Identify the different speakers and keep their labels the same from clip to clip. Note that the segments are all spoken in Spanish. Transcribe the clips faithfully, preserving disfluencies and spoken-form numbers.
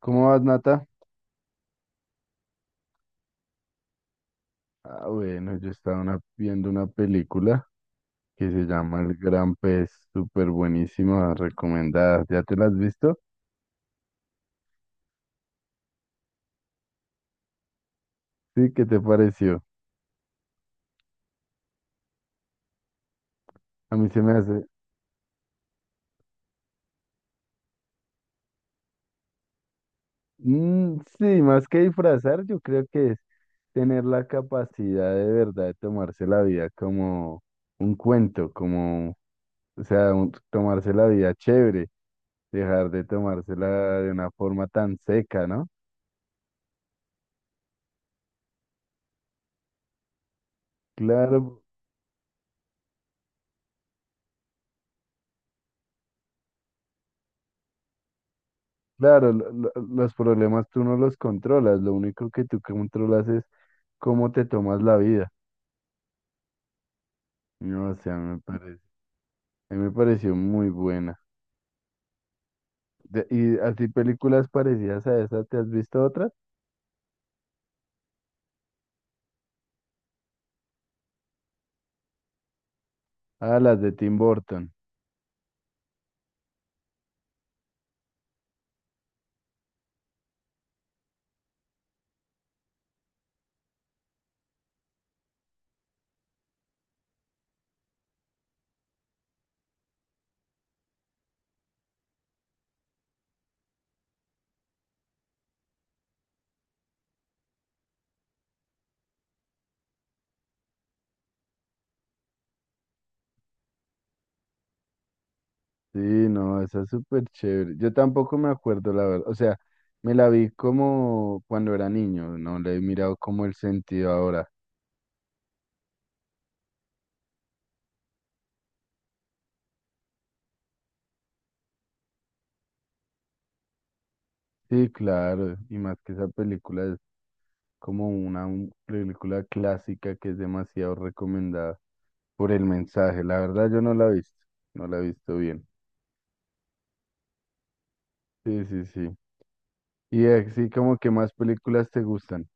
Speaker 1: ¿Cómo vas, Nata? Ah, bueno, yo estaba una- viendo una película que se llama El Gran Pez, súper buenísima, recomendada. ¿Ya te la has visto? Sí, ¿qué te pareció? A mí se me hace... Mm, sí, más que disfrazar, yo creo que es tener la capacidad de verdad de tomarse la vida como un cuento, como, o sea, un- tomarse la vida chévere, dejar de tomársela de una forma tan seca, ¿no? Claro, claro, lo- lo- los problemas tú no los controlas, lo único que tú controlas es cómo te tomas la vida. No, o sea, me parece, a mí me pareció muy buena. De- ¿y así películas parecidas a esa, te has visto otras? Ah, las de Tim Burton. Sí, no, esa es súper chévere. Yo tampoco me acuerdo, la verdad. O sea, me la vi como cuando era niño, no le he mirado como el sentido ahora. Sí, claro, y más que esa película es como una un- película clásica que es demasiado recomendada por el mensaje. La verdad yo no la he visto, no la he visto bien. Sí, sí, sí. Y así como que más películas te gustan.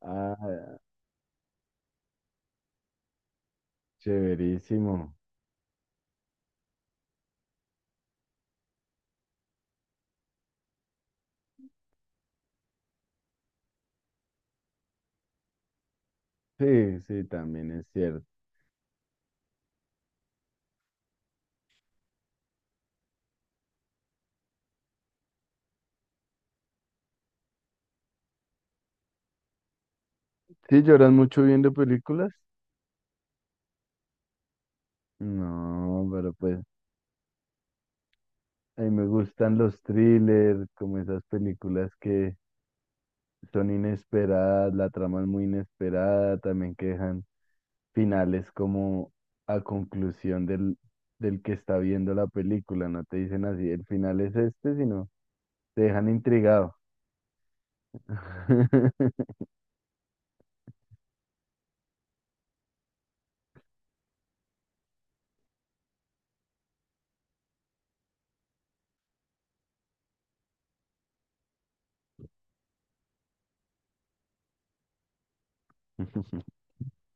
Speaker 1: Ah, chéverísimo. Sí, sí, también es cierto. ¿Sí lloras mucho viendo películas? No, pero pues a mí me gustan los thrillers, como esas películas que son inesperadas, la trama es muy inesperada, también que dejan finales como a conclusión del, del que está viendo la película, no te dicen así, el final es este, sino te dejan intrigado.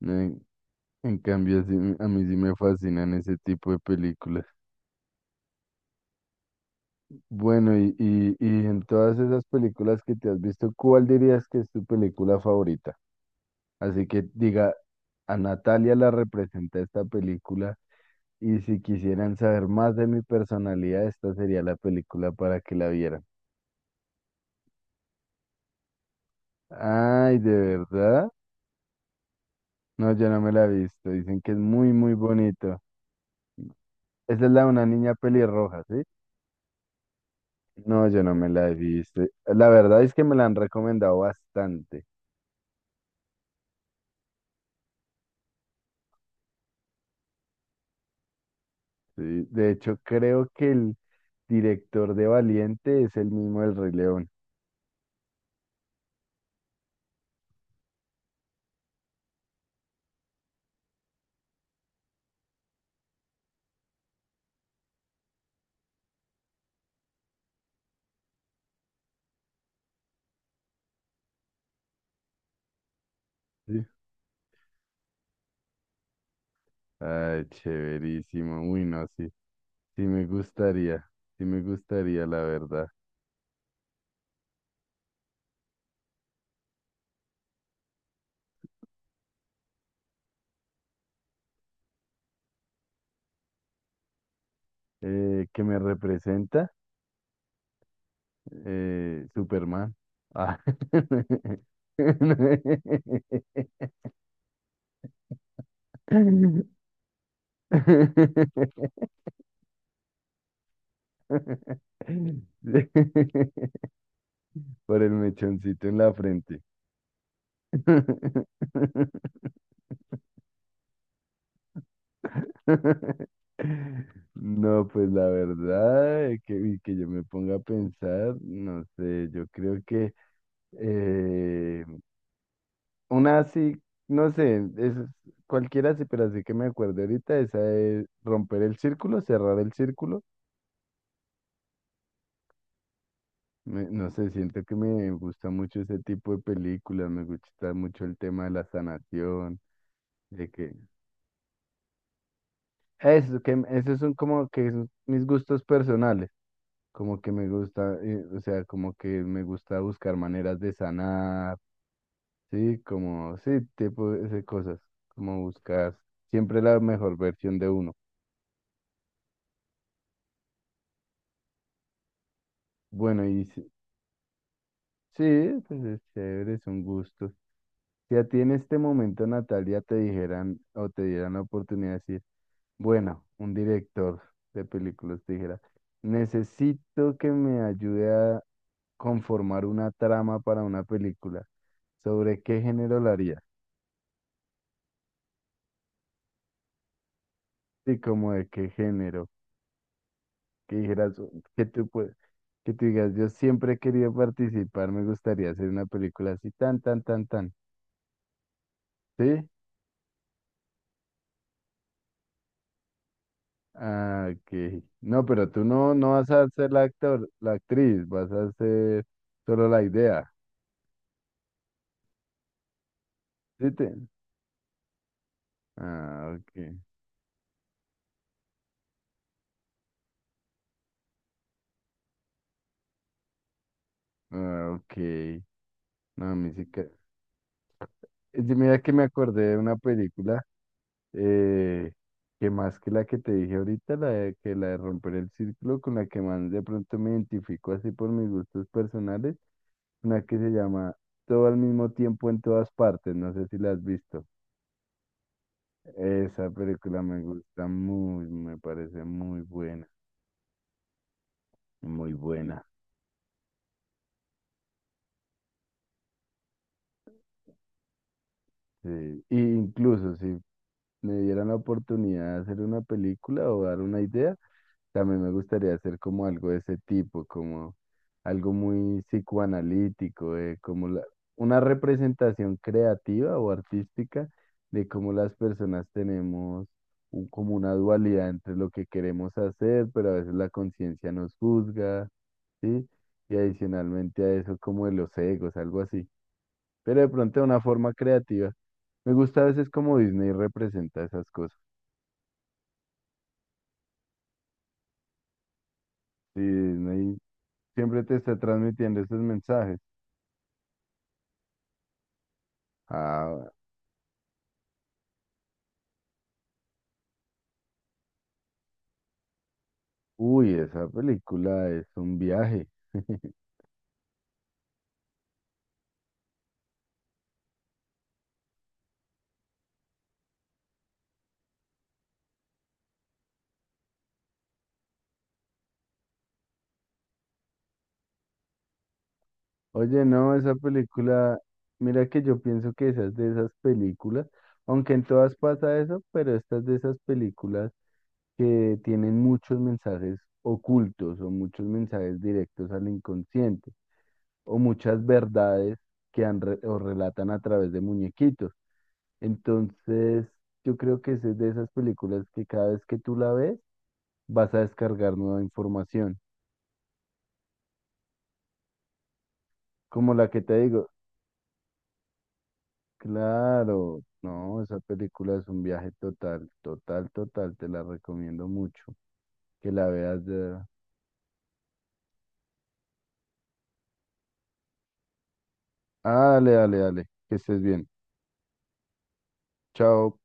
Speaker 1: En, en cambio, sí me- a mí sí me fascinan ese tipo de películas. Bueno, y, y, y en todas esas películas que te has visto, ¿cuál dirías que es tu película favorita? Así que diga, a Natalia la representa esta película y si quisieran saber más de mi personalidad, esta sería la película para que la vieran. Ay, ¿de verdad? No, yo no me la he visto. Dicen que es muy, muy bonito. Esa es la de una niña pelirroja, ¿sí? No, yo no me la he visto. La verdad es que me la han recomendado bastante. Sí, de hecho, creo que el director de Valiente es el mismo del Rey León. Sí. Ay, chéverísimo. Uy, no, sí. Sí me gustaría. Sí me gustaría, la verdad. Eh, ¿qué me representa? Eh, Superman. Ah. Por el mechoncito en la frente. No, pues la verdad, eh, que, y que yo me ponga a pensar, no sé, yo creo que eh, una así, no sé, es cualquiera así, pero así que me acuerdo ahorita, esa es romper el círculo, cerrar el círculo. Me- no sé, siento que me gusta mucho ese tipo de películas, me gusta mucho el tema de la sanación, de que eso, que m- esos son como que son mis gustos personales, como que me gusta, eh, o sea, como que me gusta buscar maneras de sanar, sí, como, sí, tipo de cosas, como buscar siempre la mejor versión de uno. Bueno, y sí, sí, pues es chévere, son gustos. Si a ti en este momento, Natalia, te dijeran o te dieran la oportunidad de decir, bueno, un director de películas dijera, necesito que me ayude a conformar una trama para una película. ¿Sobre qué género la haría? Sí, como de qué género. Que dijeras, que tú puedes, que tú digas, yo siempre he querido participar, me gustaría hacer una película así, tan, tan, tan, tan. ¿Sí? Ah, ok. No, pero tú no, no vas a ser la actor, la actriz, vas a ser solo la idea. ¿Sí te? Ah, ok. Ah, ok. No, a mí sí que... es. Mira que me acordé de una película eh, que más que la que te dije ahorita, la de, que la de romper el círculo, con la que más de pronto me identifico así por mis gustos personales, una que se llama Todo al mismo tiempo en todas partes, no sé si la has visto. Esa película me gusta muy, me parece muy buena, muy buena. Sí. Y incluso si me dieran la oportunidad de hacer una película o dar una idea, también me gustaría hacer como algo de ese tipo, como algo muy psicoanalítico, de como la- una representación creativa o artística de cómo las personas tenemos un- como una dualidad entre lo que queremos hacer, pero a veces la conciencia nos juzga, ¿sí? Y adicionalmente a eso como de los egos, algo así. Pero de pronto de una forma creativa. Me gusta a veces como Disney representa esas cosas. Sí, Disney siempre te está transmitiendo esos mensajes. Ah, uy, esa película es un viaje. Oye, no, esa película, mira que yo pienso que esa es de esas películas, aunque en todas pasa eso, pero esta es de esas películas que tienen muchos mensajes ocultos o muchos mensajes directos al inconsciente o muchas verdades que han re- o relatan a través de muñequitos. Entonces, yo creo que esa es de esas películas que cada vez que tú la ves, vas a descargar nueva información como la que te digo, claro, no, esa película es un viaje total, total, total, te la recomiendo mucho, que la veas de... Ah, dale, dale, dale, que estés bien, chao.